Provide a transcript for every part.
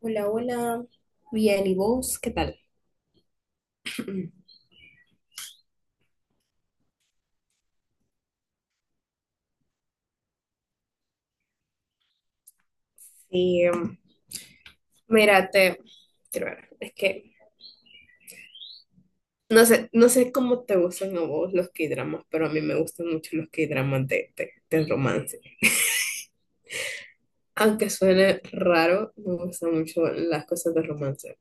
Hola, hola. Bien, ¿y vos? ¿Qué tal? Sí, mira, quiero ver, es que no sé cómo te gustan a vos los K-dramas, pero a mí me gustan mucho los K-dramas de romance. Aunque suene raro, me gustan mucho las cosas de romance.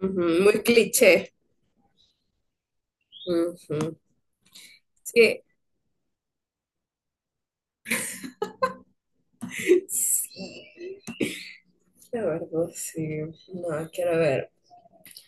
Ujú. Muy cliché. Ujú. Sí, sí, la verdad, sí. No, quiero ver.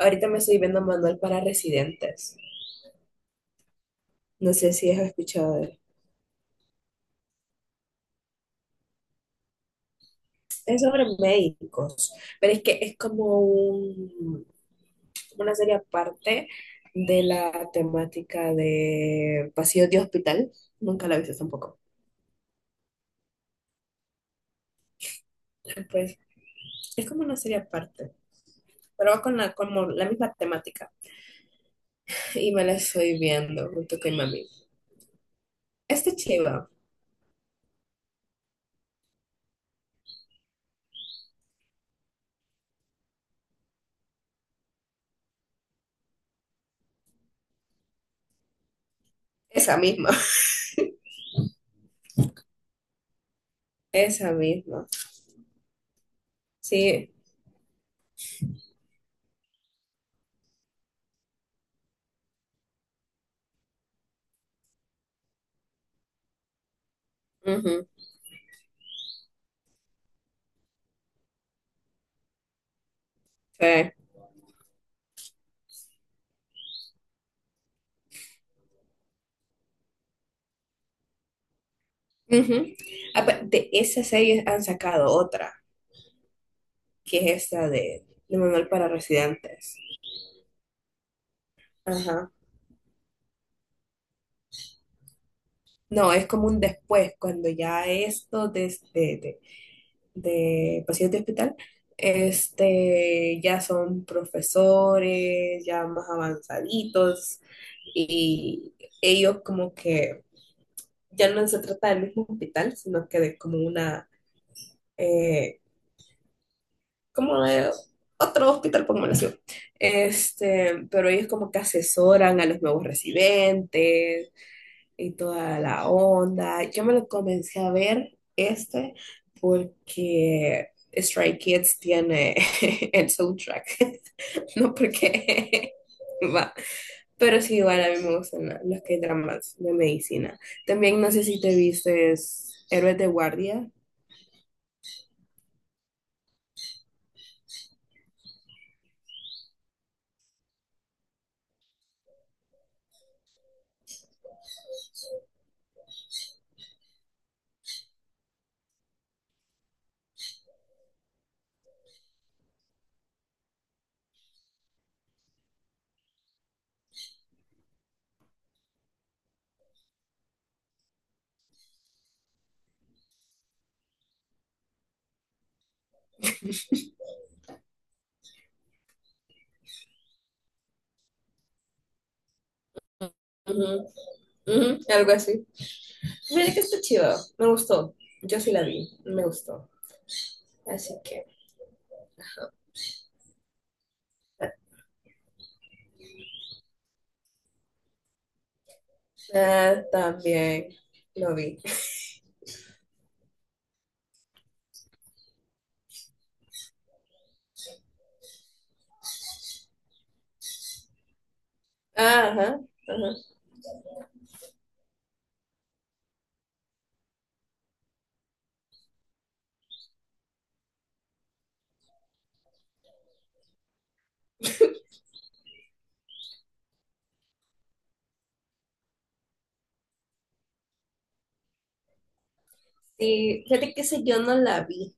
Ahorita me estoy viendo Manual para Residentes. No sé si has escuchado. Es sobre médicos, pero es que es como como una serie aparte de la temática de pasillos de hospital. Nunca la he visto tampoco. Pues es como una serie aparte, pero va con como la misma temática. Y me la estoy viendo junto con mi mami. Este chiva, esa misma, esa misma. Sí, ujú, sí. Ujú. Ah, pues, de esa serie han sacado otra, que es esta de Manual para Residentes. Ajá. No, es como un después, cuando ya esto de paciente de hospital, este, ya son profesores, ya más avanzaditos, y ellos como que ya no se trata del mismo hospital, sino que de como eh, como de otro hospital, por así. Este, pero ellos como que asesoran a los nuevos residentes, y toda la onda. Yo me lo comencé a ver este porque Stray Kids tiene el soundtrack, no porque va. Pero sí, igual a mí me gustan los que hay dramas de medicina. También no sé si te viste Héroes de Guardia. Ujú, ujú, algo así. Mira que está chido, me gustó. Yo sí la vi, me gustó. Así que ajá. Ah, también lo vi. Ajá, ajá. Sí, fíjate que ese yo no la vi,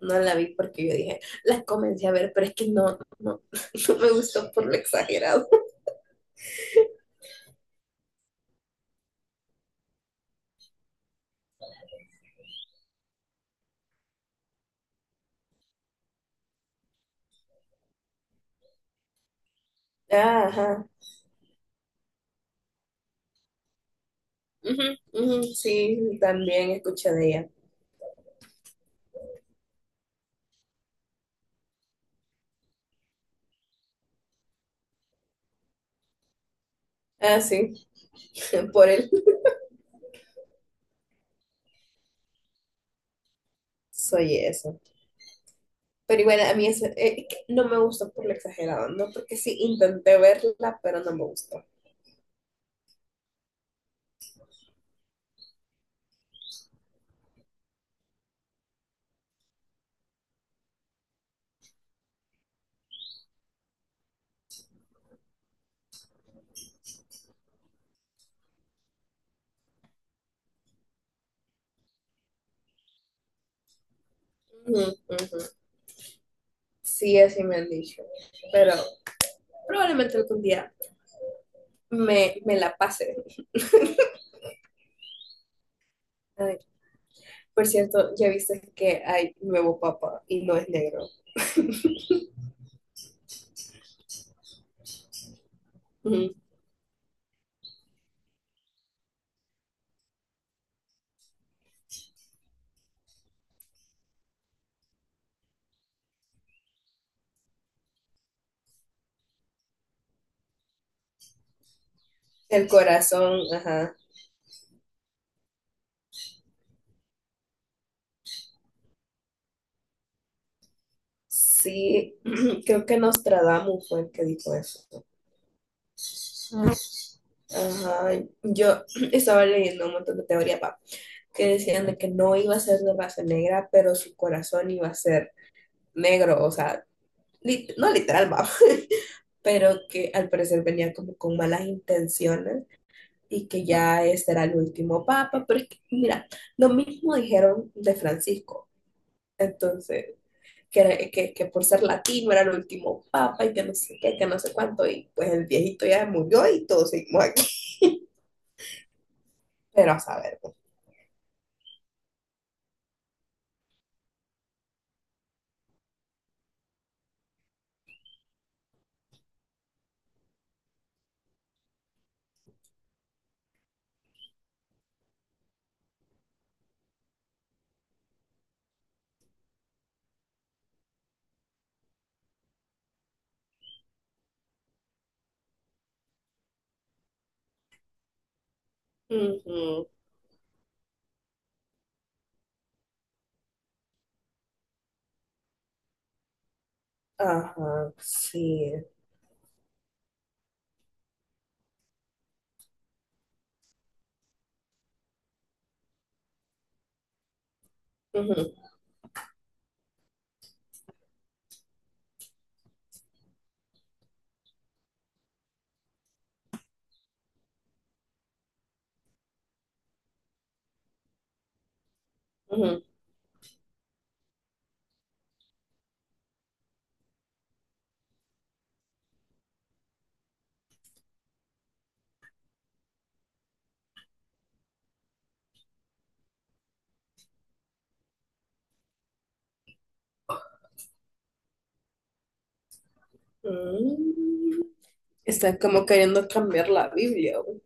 no la vi porque yo dije, las comencé a ver, pero es que no, no, no me gustó por lo exagerado. Ah, ajá, ujú, ujú, sí, también escuché de ella. Ah, sí, por él soy eso. Pero igual a mí eso, es que no me gustó por lo exagerado, ¿no? Porque sí intenté verla, pero no me gustó. Ujú, ujú. Sí, así me han dicho, pero probablemente algún día me la pase. Por cierto, ya viste que hay nuevo papa y no es negro. Ujú. El corazón, ajá. Sí, creo que Nostradamus fue el que dijo eso. Ajá, yo estaba leyendo un montón de teoría, pa, que decían de que no iba a ser de raza negra, pero su corazón iba a ser negro, o sea, no literal, va, pero que al parecer venía como con malas intenciones y que ya este era el último papa, pero es que, mira, lo mismo dijeron de Francisco. Entonces, que por ser latino era el último papa y que no sé qué, que no sé cuánto, y pues el viejito ya murió y todos seguimos aquí. Pero a saber, pues. Ujú, ajá, sí. Ujú, ujú. Mm. Están como queriendo cambiar la Biblia, güey.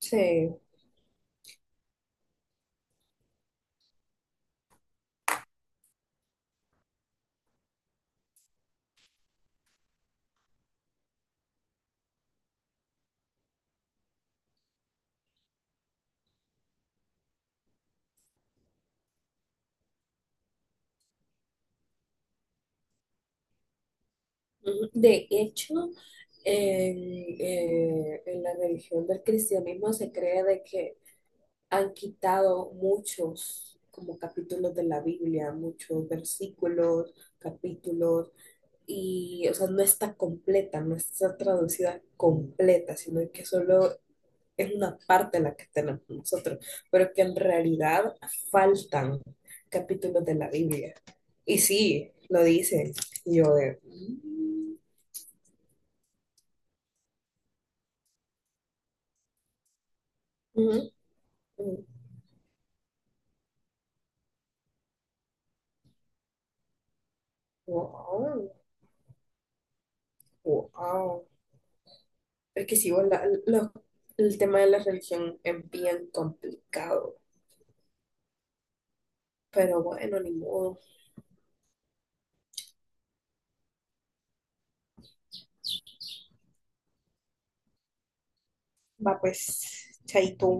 Sí. Ujú. De hecho, en, en la religión del cristianismo se cree de que han quitado muchos como capítulos de la Biblia, muchos versículos, capítulos, y o sea, no está completa, no está traducida completa, sino que solo es una parte la que tenemos nosotros, pero que en realidad faltan capítulos de la Biblia. Y sí, lo dicen. Y yo de: "Mm, ujú, ujú, wow, wow". Es que sí, bueno, el tema de la religión es bien complicado, pero bueno, ni modo. Va pues, chaito.